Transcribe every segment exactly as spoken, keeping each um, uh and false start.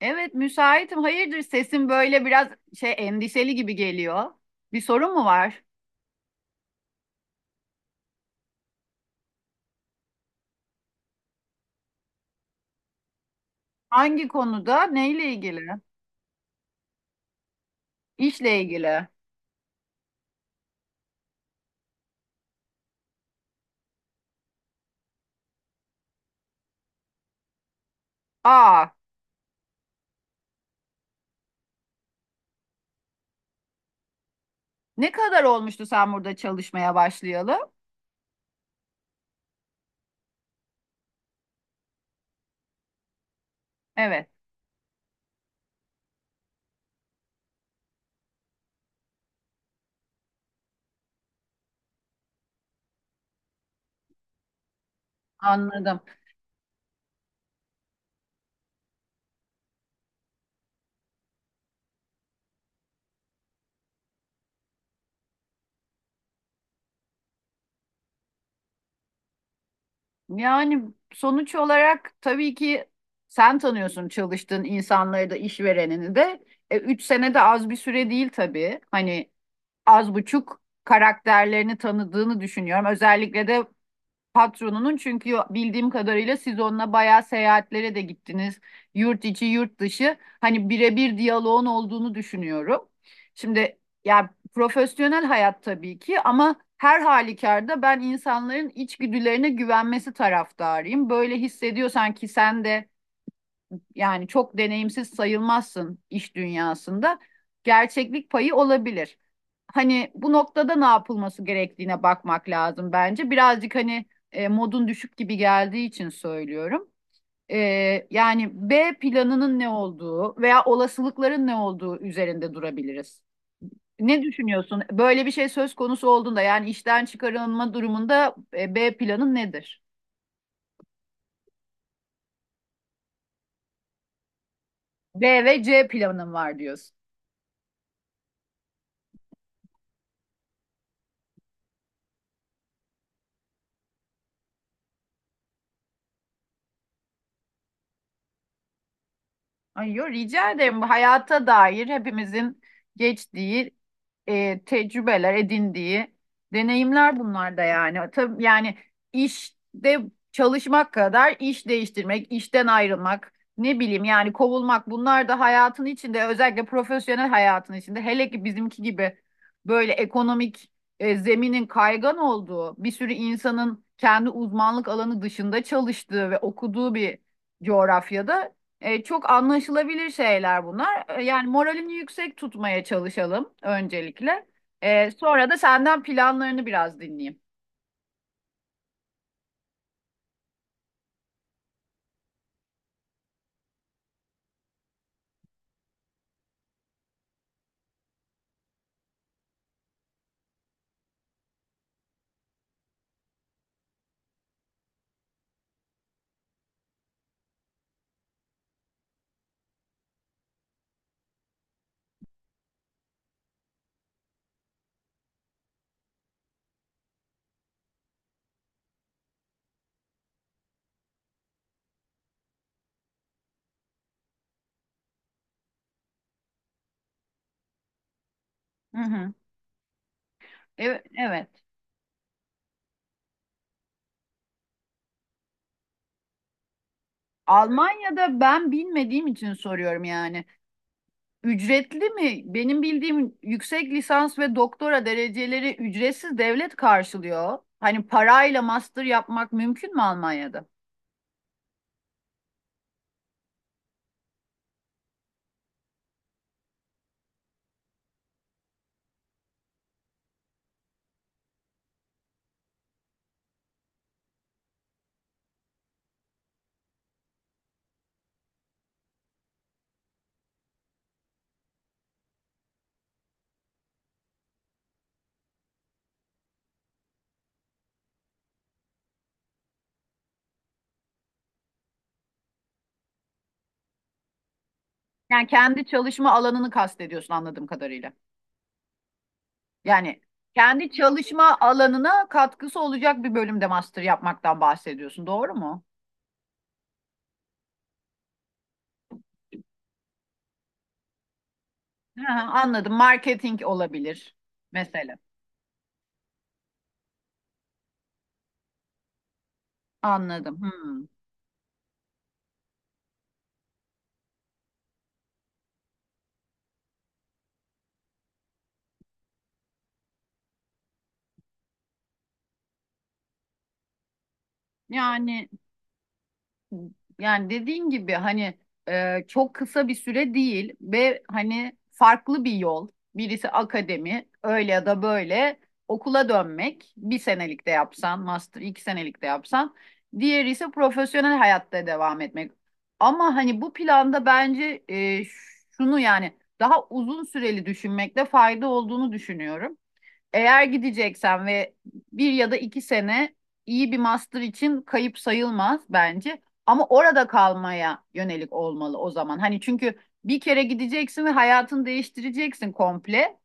Evet, müsaitim. Hayırdır sesin böyle biraz şey endişeli gibi geliyor. Bir sorun mu var? Hangi konuda? Neyle ilgili? İşle ilgili. Aa, ne kadar olmuştu sen burada çalışmaya başlayalı? Evet, anladım. Yani sonuç olarak tabii ki sen tanıyorsun çalıştığın insanları da işverenini de. E, üç sene de az bir süre değil tabii. Hani az buçuk karakterlerini tanıdığını düşünüyorum. Özellikle de patronunun çünkü bildiğim kadarıyla siz onunla bayağı seyahatlere de gittiniz. Yurt içi, yurt dışı. Hani birebir diyaloğun olduğunu düşünüyorum. Şimdi ya profesyonel hayat tabii ki ama her halükarda ben insanların içgüdülerine güvenmesi taraftarıyım. Böyle hissediyorsan ki sen de yani çok deneyimsiz sayılmazsın iş dünyasında. Gerçeklik payı olabilir. Hani bu noktada ne yapılması gerektiğine bakmak lazım bence. Birazcık hani e, modun düşük gibi geldiği için söylüyorum. E, Yani B planının ne olduğu veya olasılıkların ne olduğu üzerinde durabiliriz. Ne düşünüyorsun? Böyle bir şey söz konusu olduğunda yani işten çıkarılma durumunda e, B planın nedir? B ve C planın var diyorsun. Ay yo, rica ederim. Bu hayata dair hepimizin geçtiği e, tecrübeler, edindiği deneyimler bunlar da yani. Tabii yani işte çalışmak kadar iş değiştirmek, işten ayrılmak, ne bileyim yani kovulmak bunlar da hayatın içinde özellikle profesyonel hayatın içinde hele ki bizimki gibi böyle ekonomik e, zeminin kaygan olduğu bir sürü insanın kendi uzmanlık alanı dışında çalıştığı ve okuduğu bir coğrafyada e, çok anlaşılabilir şeyler bunlar. E, yani moralini yüksek tutmaya çalışalım öncelikle. E, sonra da senden planlarını biraz dinleyeyim. Hı hı. Evet, evet. Almanya'da ben bilmediğim için soruyorum yani. Ücretli mi? Benim bildiğim yüksek lisans ve doktora dereceleri ücretsiz devlet karşılıyor. Hani parayla master yapmak mümkün mü Almanya'da? Yani kendi çalışma alanını kastediyorsun anladığım kadarıyla. Yani kendi çalışma alanına katkısı olacak bir bölümde master yapmaktan bahsediyorsun, doğru mu? Ha, anladım. Marketing olabilir mesela. Anladım. Hmm. Yani Yani dediğin gibi hani e, çok kısa bir süre değil ve hani farklı bir yol. Birisi akademi, öyle ya da böyle okula dönmek. Bir senelik de yapsan, master iki senelik de yapsan. Diğeri ise profesyonel hayatta devam etmek. Ama hani bu planda bence e, şunu yani daha uzun süreli düşünmekte fayda olduğunu düşünüyorum. Eğer gideceksen ve bir ya da iki sene iyi bir master için kayıp sayılmaz bence. Ama orada kalmaya yönelik olmalı o zaman. Hani çünkü bir kere gideceksin ve hayatını değiştireceksin komple.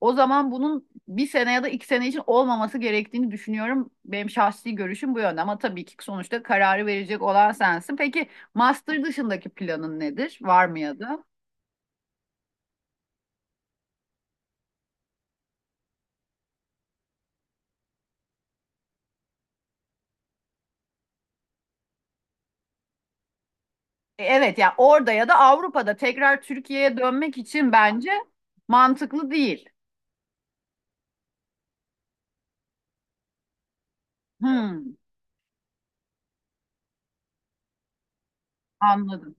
O zaman bunun bir sene ya da iki sene için olmaması gerektiğini düşünüyorum. Benim şahsi görüşüm bu yönde ama tabii ki sonuçta kararı verecek olan sensin. Peki master dışındaki planın nedir? Var mı ya da? E, Evet ya orada ya da Avrupa'da tekrar Türkiye'ye dönmek için bence mantıklı değil. Evet. Hmm, anladım.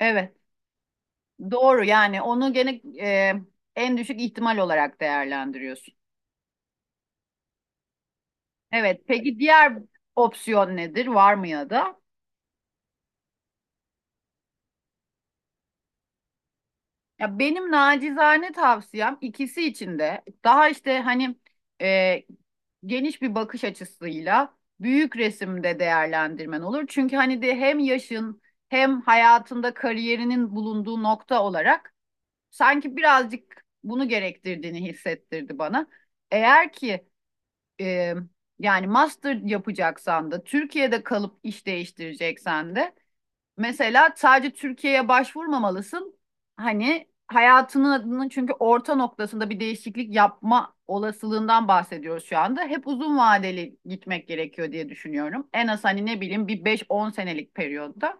Evet doğru yani onu gene e, en düşük ihtimal olarak değerlendiriyorsun. Evet peki diğer opsiyon nedir? Var mı ya da? Ya benim nacizane tavsiyem ikisi için de daha işte hani e, geniş bir bakış açısıyla büyük resimde değerlendirmen olur. Çünkü hani de hem yaşın hem hayatında kariyerinin bulunduğu nokta olarak sanki birazcık bunu gerektirdiğini hissettirdi bana. Eğer ki e, yani master yapacaksan da Türkiye'de kalıp iş değiştireceksen de mesela sadece Türkiye'ye başvurmamalısın. Hani hayatının adının çünkü orta noktasında bir değişiklik yapma olasılığından bahsediyoruz şu anda. Hep uzun vadeli gitmek gerekiyor diye düşünüyorum. En az hani ne bileyim bir beş-on senelik periyotta.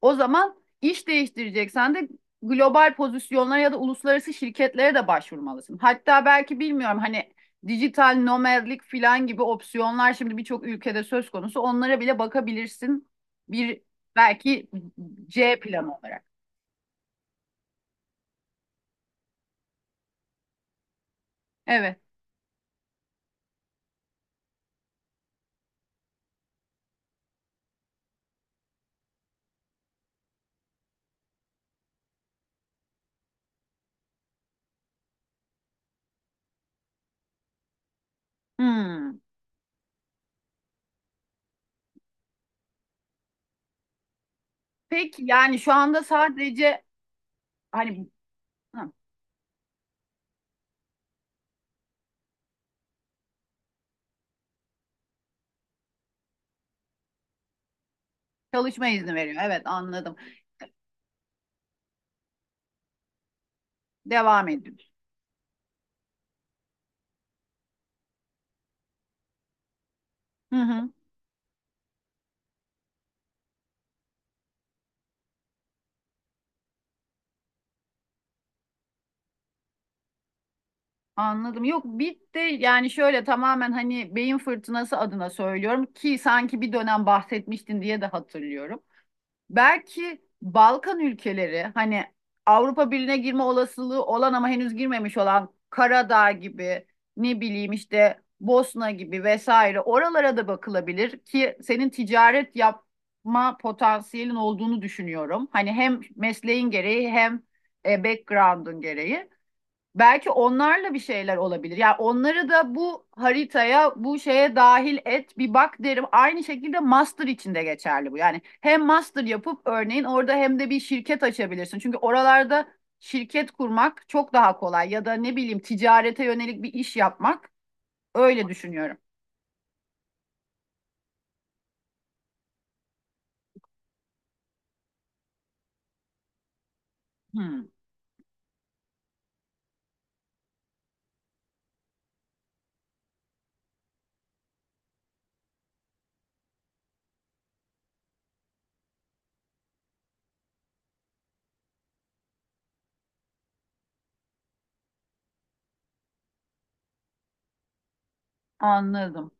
O zaman iş değiştireceksen de global pozisyonlara ya da uluslararası şirketlere de başvurmalısın. Hatta belki bilmiyorum hani dijital nomadlik falan gibi opsiyonlar şimdi birçok ülkede söz konusu. Onlara bile bakabilirsin. Bir belki C planı olarak. Evet. Hmm. Peki yani şu anda sadece hani hı, çalışma izni veriyor. Evet, anladım. Devam ediyoruz. Hı hı. Anladım. Yok bit de yani şöyle tamamen hani beyin fırtınası adına söylüyorum ki sanki bir dönem bahsetmiştin diye de hatırlıyorum. Belki Balkan ülkeleri hani Avrupa Birliği'ne girme olasılığı olan ama henüz girmemiş olan Karadağ gibi ne bileyim işte Bosna gibi vesaire oralara da bakılabilir ki senin ticaret yapma potansiyelin olduğunu düşünüyorum. Hani hem mesleğin gereği hem e, background'un gereği. Belki onlarla bir şeyler olabilir. Yani onları da bu haritaya, bu şeye dahil et, bir bak derim. Aynı şekilde master için de geçerli bu. Yani hem master yapıp örneğin orada hem de bir şirket açabilirsin. Çünkü oralarda şirket kurmak çok daha kolay ya da ne bileyim ticarete yönelik bir iş yapmak. Öyle düşünüyorum. Hmm, anladım.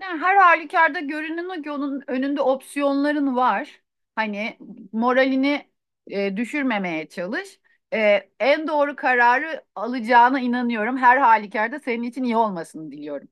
Yani her halükarda görünen o ki önünde opsiyonların var. Hani moralini e, düşürmemeye çalış. E, en doğru kararı alacağına inanıyorum. Her halükarda senin için iyi olmasını diliyorum.